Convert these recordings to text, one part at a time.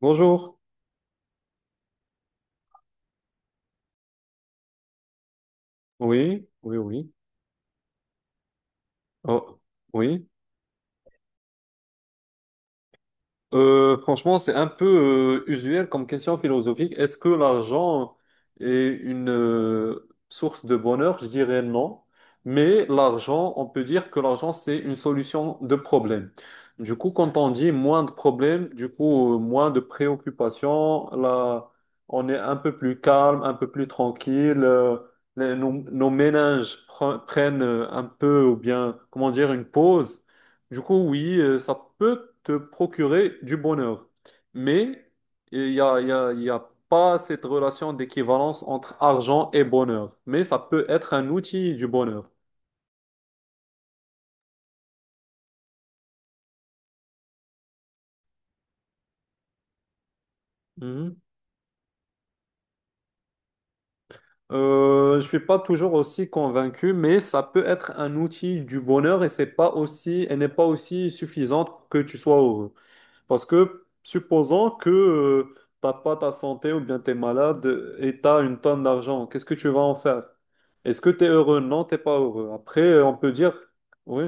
Bonjour. Oui, oui, oui. Oh, oui. Franchement, c'est un peu usuel comme question philosophique. Est-ce que l'argent est une source de bonheur? Je dirais non. Mais l'argent, on peut dire que l'argent, c'est une solution de problème. Du coup, quand on dit moins de problèmes, du coup, moins de préoccupations, là, on est un peu plus calme, un peu plus tranquille. Nos, nos prennent un peu, ou bien, comment dire, une pause. Du coup, oui, ça peut te procurer du bonheur, mais il n'y a, il y a- il y a pas cette relation d'équivalence entre argent et bonheur, mais ça peut être un outil du bonheur. Mhm. Je suis pas toujours aussi convaincu, mais ça peut être un outil du bonheur et c'est pas aussi, elle n'est pas aussi suffisante pour que tu sois heureux. Parce que supposons que t'as pas ta santé ou bien tu es malade et tu as une tonne d'argent, qu'est-ce que tu vas en faire? Est-ce que tu es heureux? Non, t'es pas heureux. Après, on peut dire, oui.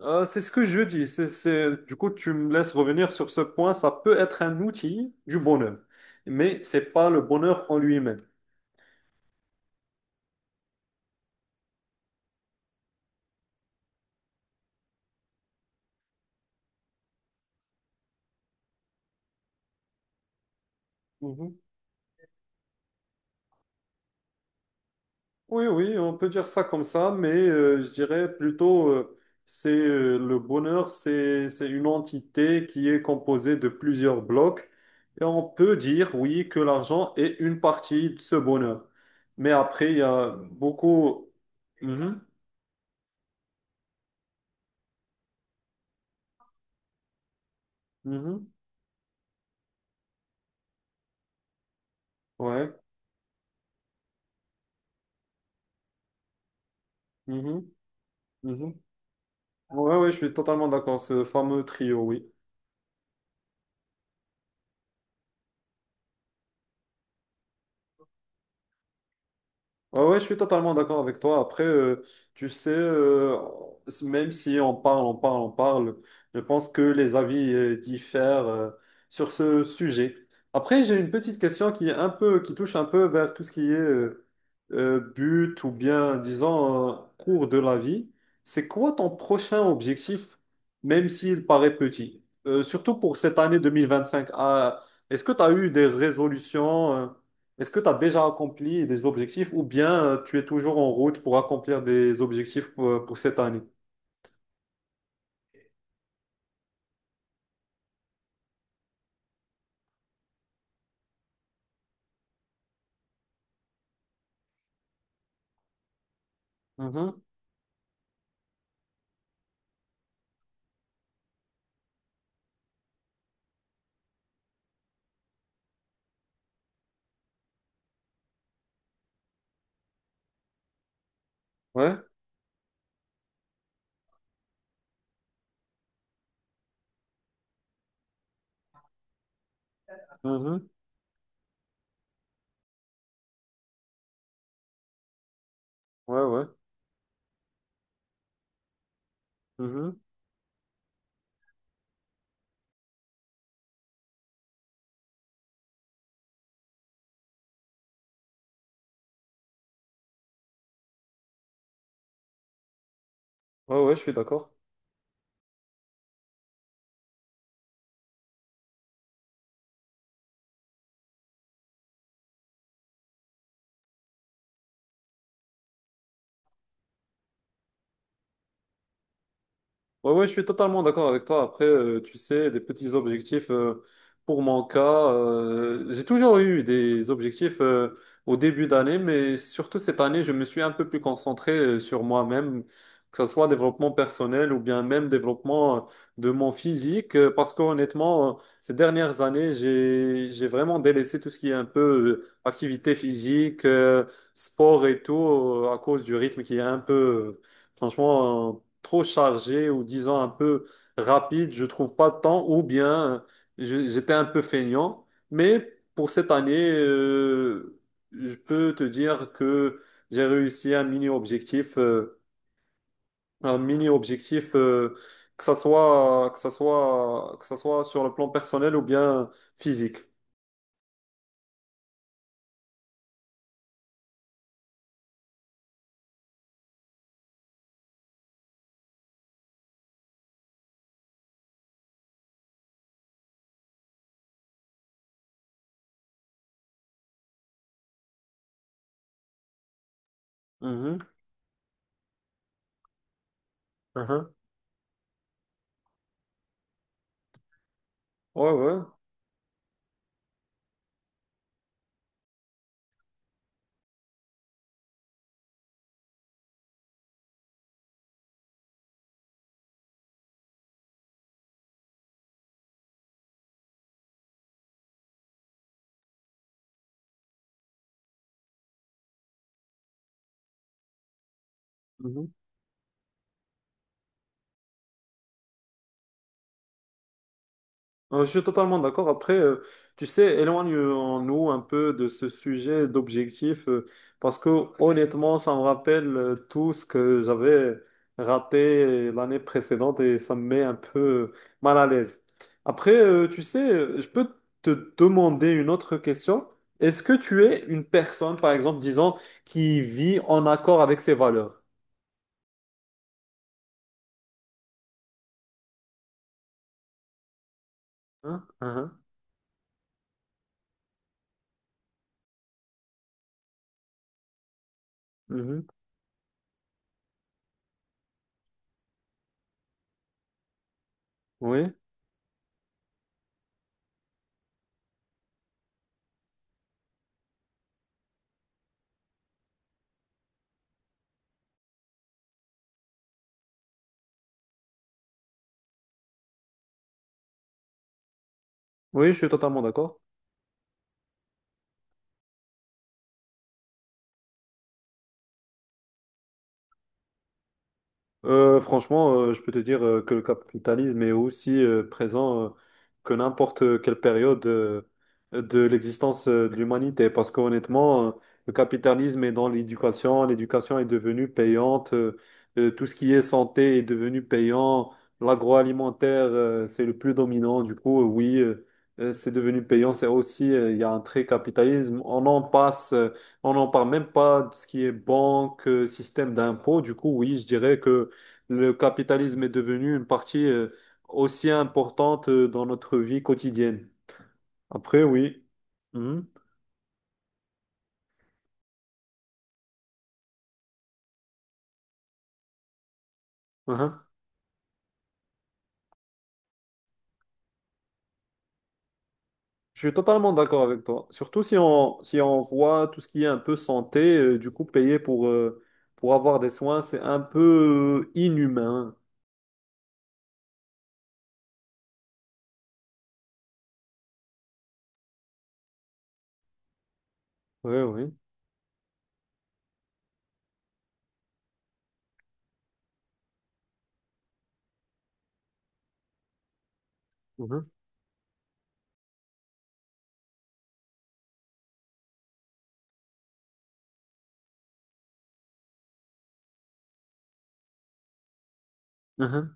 C'est ce que je dis. Du coup, tu me laisses revenir sur ce point. Ça peut être un outil du bonheur, mais c'est pas le bonheur en lui-même. Mhm. Oui, oui, on peut dire ça comme ça, mais je dirais plutôt, c'est le bonheur, c'est une entité qui est composée de plusieurs blocs, et on peut dire, oui, que l'argent est une partie de ce bonheur. Mais après, il y a beaucoup... Mhm, mhm, ouais, mhm, mhm. Ouais, ouais, je suis totalement d'accord, ce fameux trio, oui. Ouais, ouais, je suis totalement d'accord avec toi. Après, tu sais, même si on parle, on parle, on parle, je pense que les avis diffèrent sur ce sujet. Après, j'ai une petite question qui est un peu, qui touche un peu vers tout ce qui est but ou bien, disons, cours de la vie. C'est quoi ton prochain objectif, même s'il paraît petit? Surtout pour cette année 2025. Ah, est-ce que tu as eu des résolutions? Est-ce que tu as déjà accompli des objectifs ou bien tu es toujours en route pour accomplir des objectifs pour cette année? Mhm. Ouais. Mhm. Ouais, ouais. Mhm. Ouais, ouais, je suis d'accord. Ouais, ouais, je suis totalement d'accord avec toi. Après, tu sais, des petits objectifs, pour mon cas, j'ai toujours eu des objectifs, au début d'année, mais surtout cette année, je me suis un peu plus concentré, sur moi-même, que ce soit développement personnel ou bien même développement, de mon physique, parce qu'honnêtement, ces dernières années, j'ai vraiment délaissé tout ce qui est un peu, activité physique, sport et tout, à cause du rythme qui est un peu... euh, Franchement, trop chargé ou disons un peu rapide, je trouve pas de temps ou bien j'étais un peu feignant. Mais pour cette année, je peux te dire que j'ai réussi un mini objectif, un mini objectif euh, que ça soit sur le plan personnel ou bien physique. Mhm, mhm. Ouais, ouais. Je suis totalement d'accord. Après, tu sais, éloignons-nous un peu de ce sujet d'objectif, parce que honnêtement, ça me rappelle tout ce que j'avais raté l'année précédente et ça me met un peu mal à l'aise. Après, tu sais, je peux te demander une autre question. Est-ce que tu es une personne, par exemple, disons, qui vit en accord avec ses valeurs? Hein? Hein? Hein. Mhm. Oui, oui, je suis totalement d'accord. Je peux te dire que le capitalisme est aussi présent que n'importe quelle période de l'existence de l'humanité. Parce qu'honnêtement, le capitalisme est dans l'éducation, l'éducation est devenue payante, tout ce qui est santé est devenu payant, l'agroalimentaire, c'est le plus dominant. Du coup, oui, c'est devenu payant. C'est aussi, il y a un trait capitalisme. On en passe. On n'en parle même pas de ce qui est banque, système d'impôt. Du coup, oui, je dirais que le capitalisme est devenu une partie aussi importante dans notre vie quotidienne. Après, oui. Mhm. Mhm. Je suis totalement d'accord avec toi. Surtout si on, si on voit tout ce qui est un peu santé, du coup, payer pour avoir des soins, c'est un peu inhumain. Oui, oui. Mhm. Mhm.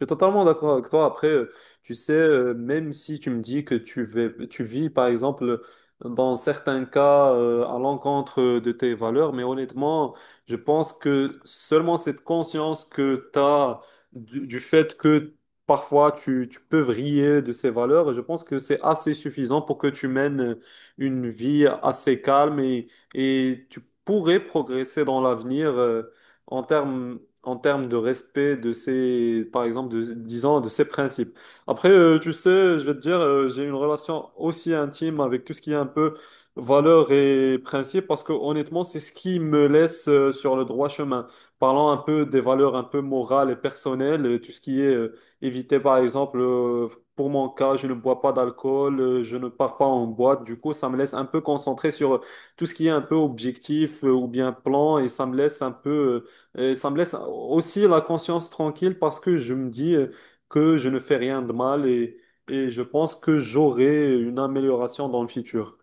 Je suis totalement d'accord avec toi. Après, tu sais, même si tu me dis que tu vis, par exemple, dans certains cas, à l'encontre de tes valeurs, mais honnêtement, je pense que seulement cette conscience que tu as du fait que parfois tu, tu peux vriller de ces valeurs, je pense que c'est assez suffisant pour que tu mènes une vie assez calme et tu pourrais progresser dans l'avenir. En termes de respect de ces par exemple, de, disons, de ces principes. Après, tu sais, je vais te dire, j'ai une relation aussi intime avec tout ce qui est un peu valeurs et principes, parce que honnêtement, c'est ce qui me laisse sur le droit chemin. Parlons un peu des valeurs un peu morales et personnelles, et tout ce qui est éviter, par exemple, pour mon cas, je ne bois pas d'alcool, je ne pars pas en boîte, du coup, ça me laisse un peu concentré sur tout ce qui est un peu objectif ou bien plan, et ça me laisse un peu... Et ça me laisse aussi la conscience tranquille parce que je me dis que je ne fais rien de mal et je pense que j'aurai une amélioration dans le futur.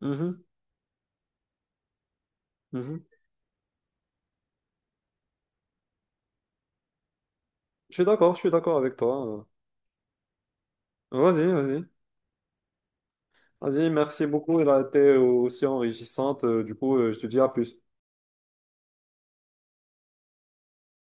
Mhm, mhm. Je suis d'accord avec toi. Vas-y, vas-y. Vas-y, merci beaucoup. Elle a été aussi enrichissante. Du coup, je te dis à plus.